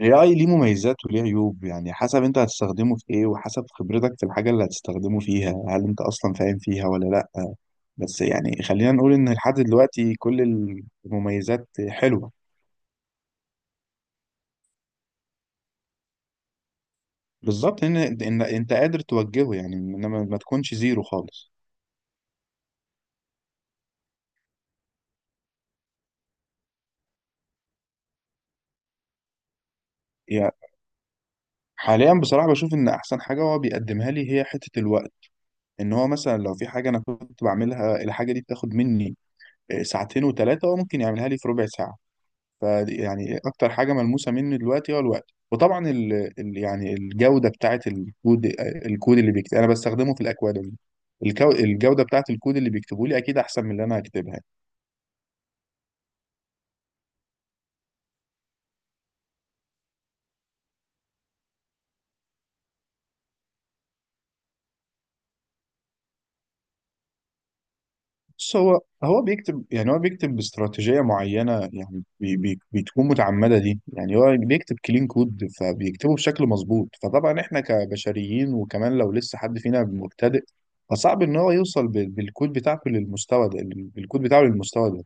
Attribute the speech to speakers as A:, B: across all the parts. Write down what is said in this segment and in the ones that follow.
A: AI ليه مميزات وليه عيوب، يعني حسب انت هتستخدمه في ايه وحسب خبرتك في الحاجة اللي هتستخدمه فيها، هل انت اصلا فاهم فيها ولا لا. بس يعني خلينا نقول ان لحد دلوقتي كل المميزات حلوة. بالظبط، ان انت قادر توجهه، يعني انما ما تكونش زيرو خالص. يعني حاليا بصراحة بشوف ان احسن حاجة هو بيقدمها لي هي حتة الوقت. ان هو مثلا لو في حاجة انا كنت بعملها، الحاجة دي بتاخد مني ساعتين وثلاثة، هو ممكن يعملها لي في ربع ساعة. فدي يعني اكتر حاجه ملموسه مني دلوقتي هو الوقت. وطبعا ال يعني الجوده بتاعه الكود، الكود اللي بيكتب انا بستخدمه في الاكواديمي. الجوده بتاعه الكود اللي بيكتبوا لي اكيد احسن من اللي انا هكتبها. بس هو بيكتب، يعني هو بيكتب باستراتيجيه معينه، يعني بتكون متعمده دي. يعني هو بيكتب كلين كود، فبيكتبه بشكل مظبوط. فطبعا احنا كبشريين، وكمان لو لسه حد فينا مبتدئ فصعب ان هو يوصل بالكود بتاعته للمستوى ده، بالكود بتاعه للمستوى ده.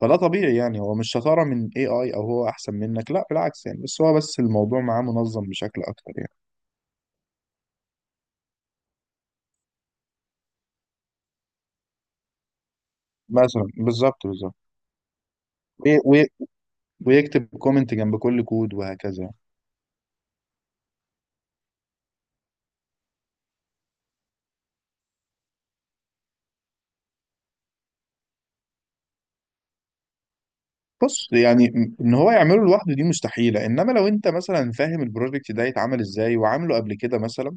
A: فده طبيعي، يعني هو مش شطارة من AI أو هو أحسن منك، لا بالعكس يعني. بس بس الموضوع معاه منظم بشكل أكتر يعني. مثلا، بالظبط بالظبط. وي- وي- ويكتب كومنت جنب كل كود وهكذا. بص يعني إن هو يعمله لوحده دي مستحيلة. إنما لو أنت مثلا فاهم البروجكت ده يتعمل إزاي وعامله قبل كده مثلا،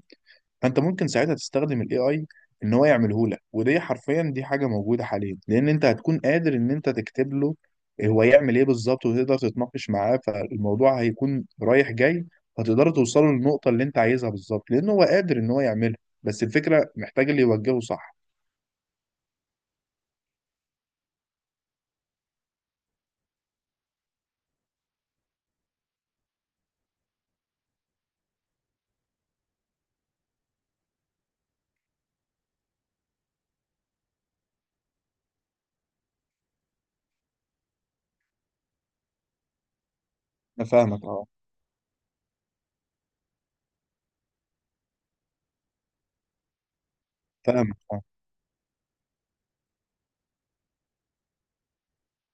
A: فانت ممكن ساعتها تستخدم الاي اي ان هو يعمله لك. ودي حرفيا دي حاجه موجوده حاليا، لان انت هتكون قادر ان انت تكتب له هو يعمل ايه بالظبط، وتقدر تتناقش معاه. فالموضوع هيكون رايح جاي، هتقدروا توصلوا للنقطه اللي انت عايزها بالظبط، لان هو قادر ان هو يعملها. بس الفكره محتاج اللي يوجهه صح. انا فاهمك اه. فاهمك آه.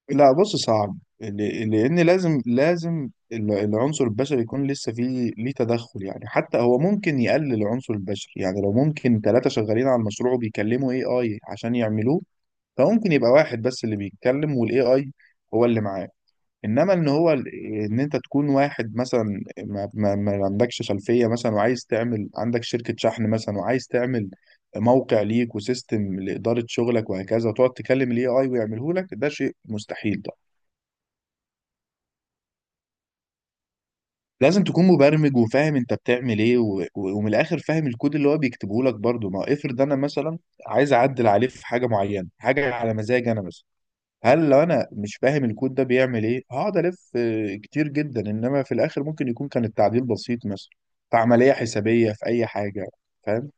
A: لا بص صعب، لان لازم لازم العنصر البشري يكون لسه فيه ليه تدخل. يعني حتى هو ممكن يقلل العنصر البشري، يعني لو ممكن ثلاثة شغالين على المشروع وبيكلموا اي اي عشان يعملوه، فممكن يبقى واحد بس اللي بيتكلم والاي اي هو اللي معاه. انما ان انت تكون واحد مثلا ما عندكش خلفية مثلا، وعايز تعمل عندك شركة شحن مثلا، وعايز تعمل موقع ليك وسيستم لإدارة شغلك وهكذا، وتقعد تكلم الاي اي ويعمله لك، ده شيء مستحيل. لازم تكون مبرمج وفاهم انت بتعمل ايه ومن الاخر فاهم الكود اللي هو بيكتبه لك برضه. ما هو افرض انا مثلا عايز اعدل عليه في حاجه معينه، حاجه على مزاجي انا مثلا، هل لو انا مش فاهم الكود ده بيعمل ايه هقعد الف كتير جدا، انما في الاخر ممكن يكون كان التعديل بسيط مثلا، في عمليه حسابيه، في اي حاجه. فاهم.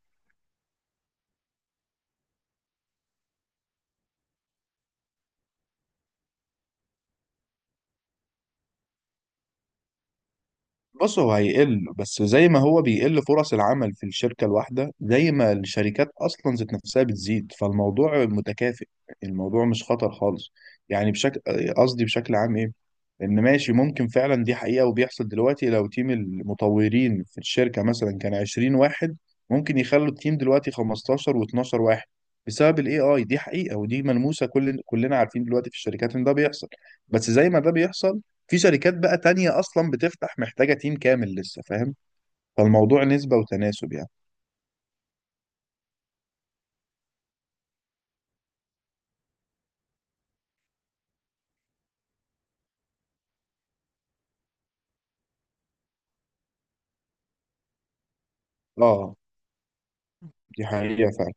A: بص هو هيقل، بس زي ما هو بيقل فرص العمل في الشركة الواحدة، زي ما الشركات أصلا ذات نفسها بتزيد، فالموضوع متكافئ. يعني الموضوع مش خطر خالص يعني. بشكل، بشكل عام إيه، إن ماشي ممكن فعلا دي حقيقة وبيحصل دلوقتي. لو تيم المطورين في الشركة مثلا كان 20 واحد، ممكن يخلوا التيم دلوقتي 15 و12 واحد بسبب الاي اي. دي حقيقة ودي ملموسة، كلنا عارفين دلوقتي في الشركات ان ده بيحصل. بس زي ما ده بيحصل، في شركات بقى تانية أصلا بتفتح محتاجة تيم كامل لسه، فاهم؟ فالموضوع نسبة وتناسب يعني. اه دي حقيقة فعلا.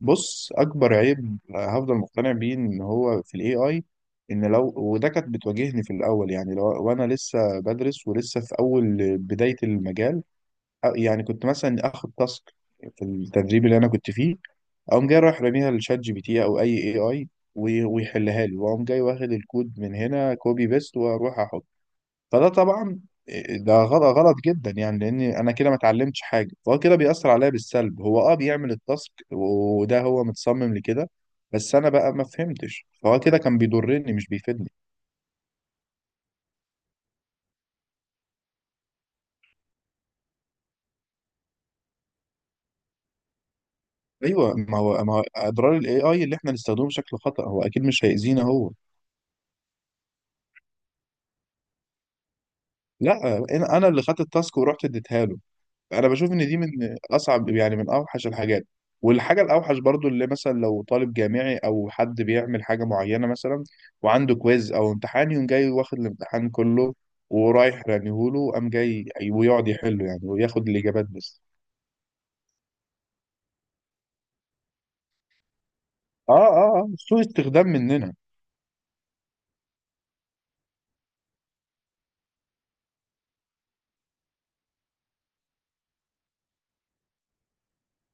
A: بص أكبر عيب هفضل مقتنع بيه إن هو في ال AI، إن لو وده كانت بتواجهني في الأول، يعني لو وأنا لسه بدرس ولسه في أول بداية المجال، يعني كنت مثلا آخد تاسك في التدريب اللي أنا كنت فيه، أقوم جاي رايح راميها لشات جي بي تي أو أي AI، ويحلها لي، وأقوم جاي واخد الكود من هنا كوبي بيست وأروح أحط. فده طبعا ده غلط جدا، يعني لان انا كده ما اتعلمتش حاجه. فهو كده بيأثر عليا بالسلب. هو اه بيعمل التاسك وده هو متصمم لكده، بس انا بقى ما فهمتش، فهو كده كان بيضرني مش بيفيدني. ايوه، ما هو اضرار الاي اي اللي احنا نستخدمه بشكل خطأ، هو اكيد مش هيأذينا هو. لا انا، أنا اللي خدت التاسك ورحت اديتها له. انا بشوف ان دي من اصعب، يعني من اوحش الحاجات. والحاجه الاوحش برضو، اللي مثلا لو طالب جامعي او حد بيعمل حاجه معينه مثلا، وعنده كويز او امتحان، يقوم جاي واخد الامتحان كله ورايح رميهوله، قام جاي ويقعد يحله يعني وياخد الاجابات بس. اه اه اه، سوء استخدام مننا.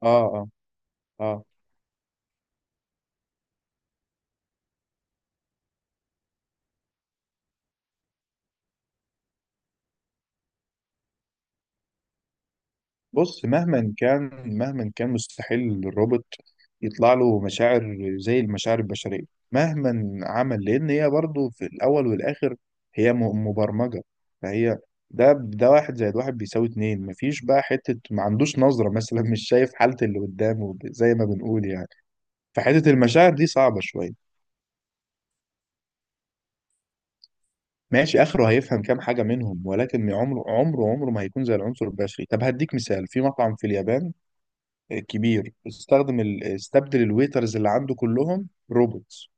A: اه اه اه. بص مهما كان، مهما كان مستحيل للروبوت يطلع له مشاعر زي المشاعر البشرية مهما عمل، لأن هي برضه في الأول والآخر هي مبرمجة. فهي، ده ده واحد زائد واحد بيساوي اتنين، مفيش بقى حتة. ما عندوش نظرة مثلا، مش شايف حالة اللي قدامه زي ما بنقول يعني. فحتة المشاعر دي صعبة شوية. ماشي، آخره هيفهم كام حاجة منهم، ولكن عمره عمره ما هيكون زي العنصر البشري. طب هديك مثال، في مطعم في اليابان كبير استخدم استبدل الويترز اللي عنده كلهم روبوتس.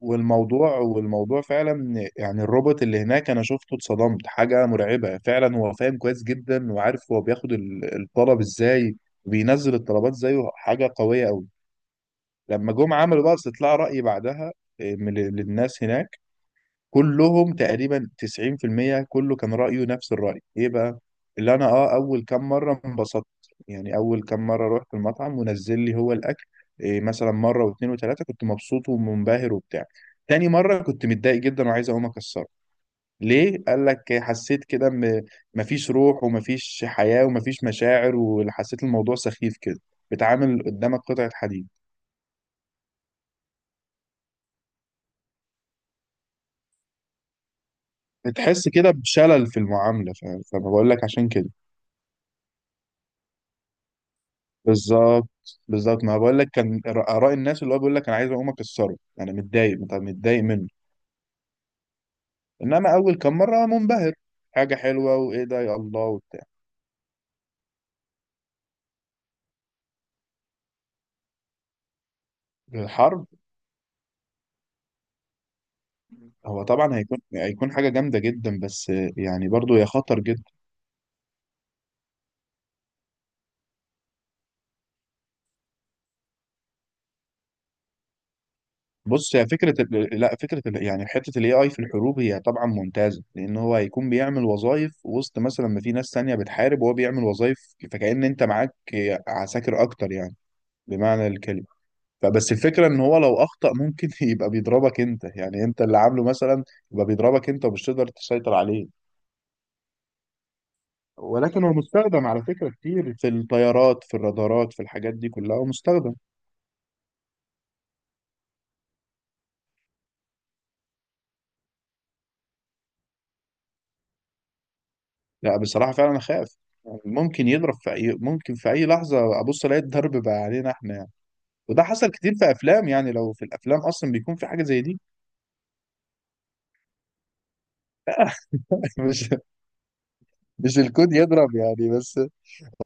A: والموضوع فعلا يعني الروبوت اللي هناك انا شفته اتصدمت، حاجة مرعبة فعلا. هو فاهم كويس جدا وعارف هو بياخد الطلب ازاي وبينزل الطلبات زيه، حاجة قوية قوي. لما جم عملوا بقى استطلاع رأي بعدها، إيه، من للناس هناك، كلهم تقريبا 90% كله كان رأيه نفس الرأي. ايه بقى؟ اللي انا اه اول كام مرة انبسطت، يعني اول كام مرة رحت المطعم ونزل لي هو الاكل، إيه، مثلا مرة واثنين وثلاثة كنت مبسوط ومنبهر وبتاع. تاني مرة كنت متضايق جدا وعايز اقوم اكسره. ليه؟ قال لك حسيت كده مفيش روح، ومفيش حياة، ومفيش مشاعر، وحسيت الموضوع سخيف كده. بتعامل قدامك قطعة حديد. بتحس كده بشلل في المعاملة فبقول لك عشان كده. بالظبط، بالظبط ما بقول لك كان اراء الناس اللي هو بيقول لك انا عايز اقوم اكسره، انا متضايق، متضايق منه. انما اول كام مره منبهر، حاجه حلوه وايه ده يا الله وبتاع. الحرب، هو طبعا هيكون حاجه جامده جدا، بس يعني برضو هي خطر جدا. بص هي لا، يعني حته الاي اي في الحروب هي طبعا ممتازه، لان هو هيكون بيعمل وظائف وسط مثلا ما في ناس تانية بتحارب وهو بيعمل وظائف. فكأن انت معاك عساكر اكتر يعني، بمعنى الكلمه. فبس الفكرة ان هو لو اخطأ ممكن يبقى بيضربك انت، يعني انت اللي عامله مثلا يبقى بيضربك انت ومش تقدر تسيطر عليه. ولكن هو مستخدم على فكرة كتير في الطيارات، في الرادارات، في الحاجات دي كلها هو مستخدم. لا بصراحة فعلا اخاف. يعني ممكن يضرب في اي، ممكن في اي لحظة ابص الاقي الضرب بقى علينا احنا يعني. وده حصل كتير في افلام، يعني لو في الافلام اصلا بيكون في حاجة زي دي. مش مش الكود يضرب يعني، بس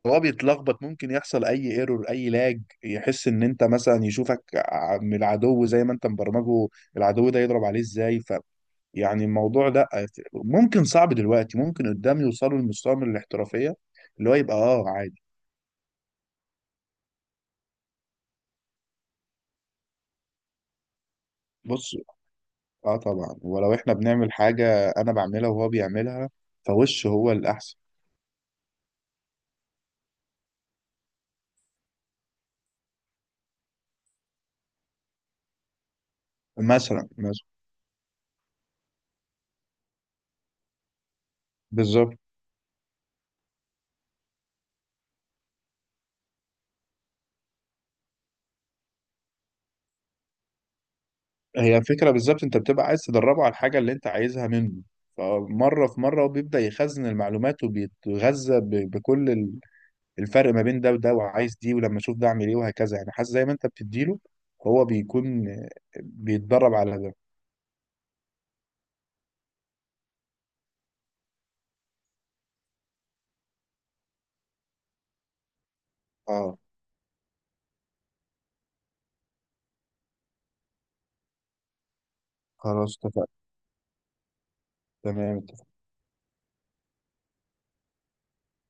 A: هو بيتلخبط، ممكن يحصل اي ايرور، اي لاج، يحس ان انت مثلا، يشوفك من العدو زي ما انت مبرمجه العدو ده يضرب عليه ازاي. ف يعني الموضوع ده ممكن صعب دلوقتي، ممكن قدام يوصلوا لمستوى من الاحترافية اللي هو يبقى اه عادي. بص اه طبعا، ولو احنا بنعمل حاجة انا بعملها وهو بيعملها، فوش هو الاحسن. مثلا، مثلا، بالظبط. هي الفكرة بالظبط، انت بتبقى عايز تدربه على الحاجة اللي انت عايزها منه، فمرة في مرة، وبيبدأ يخزن المعلومات وبيتغذى بكل الفرق ما بين ده وده، وعايز دي، ولما اشوف ده اعمل ايه وهكذا يعني. حاسس زي ما انت بتديله هو بيكون بيتدرب على ده. اه. خلاص اتفقنا. تمام.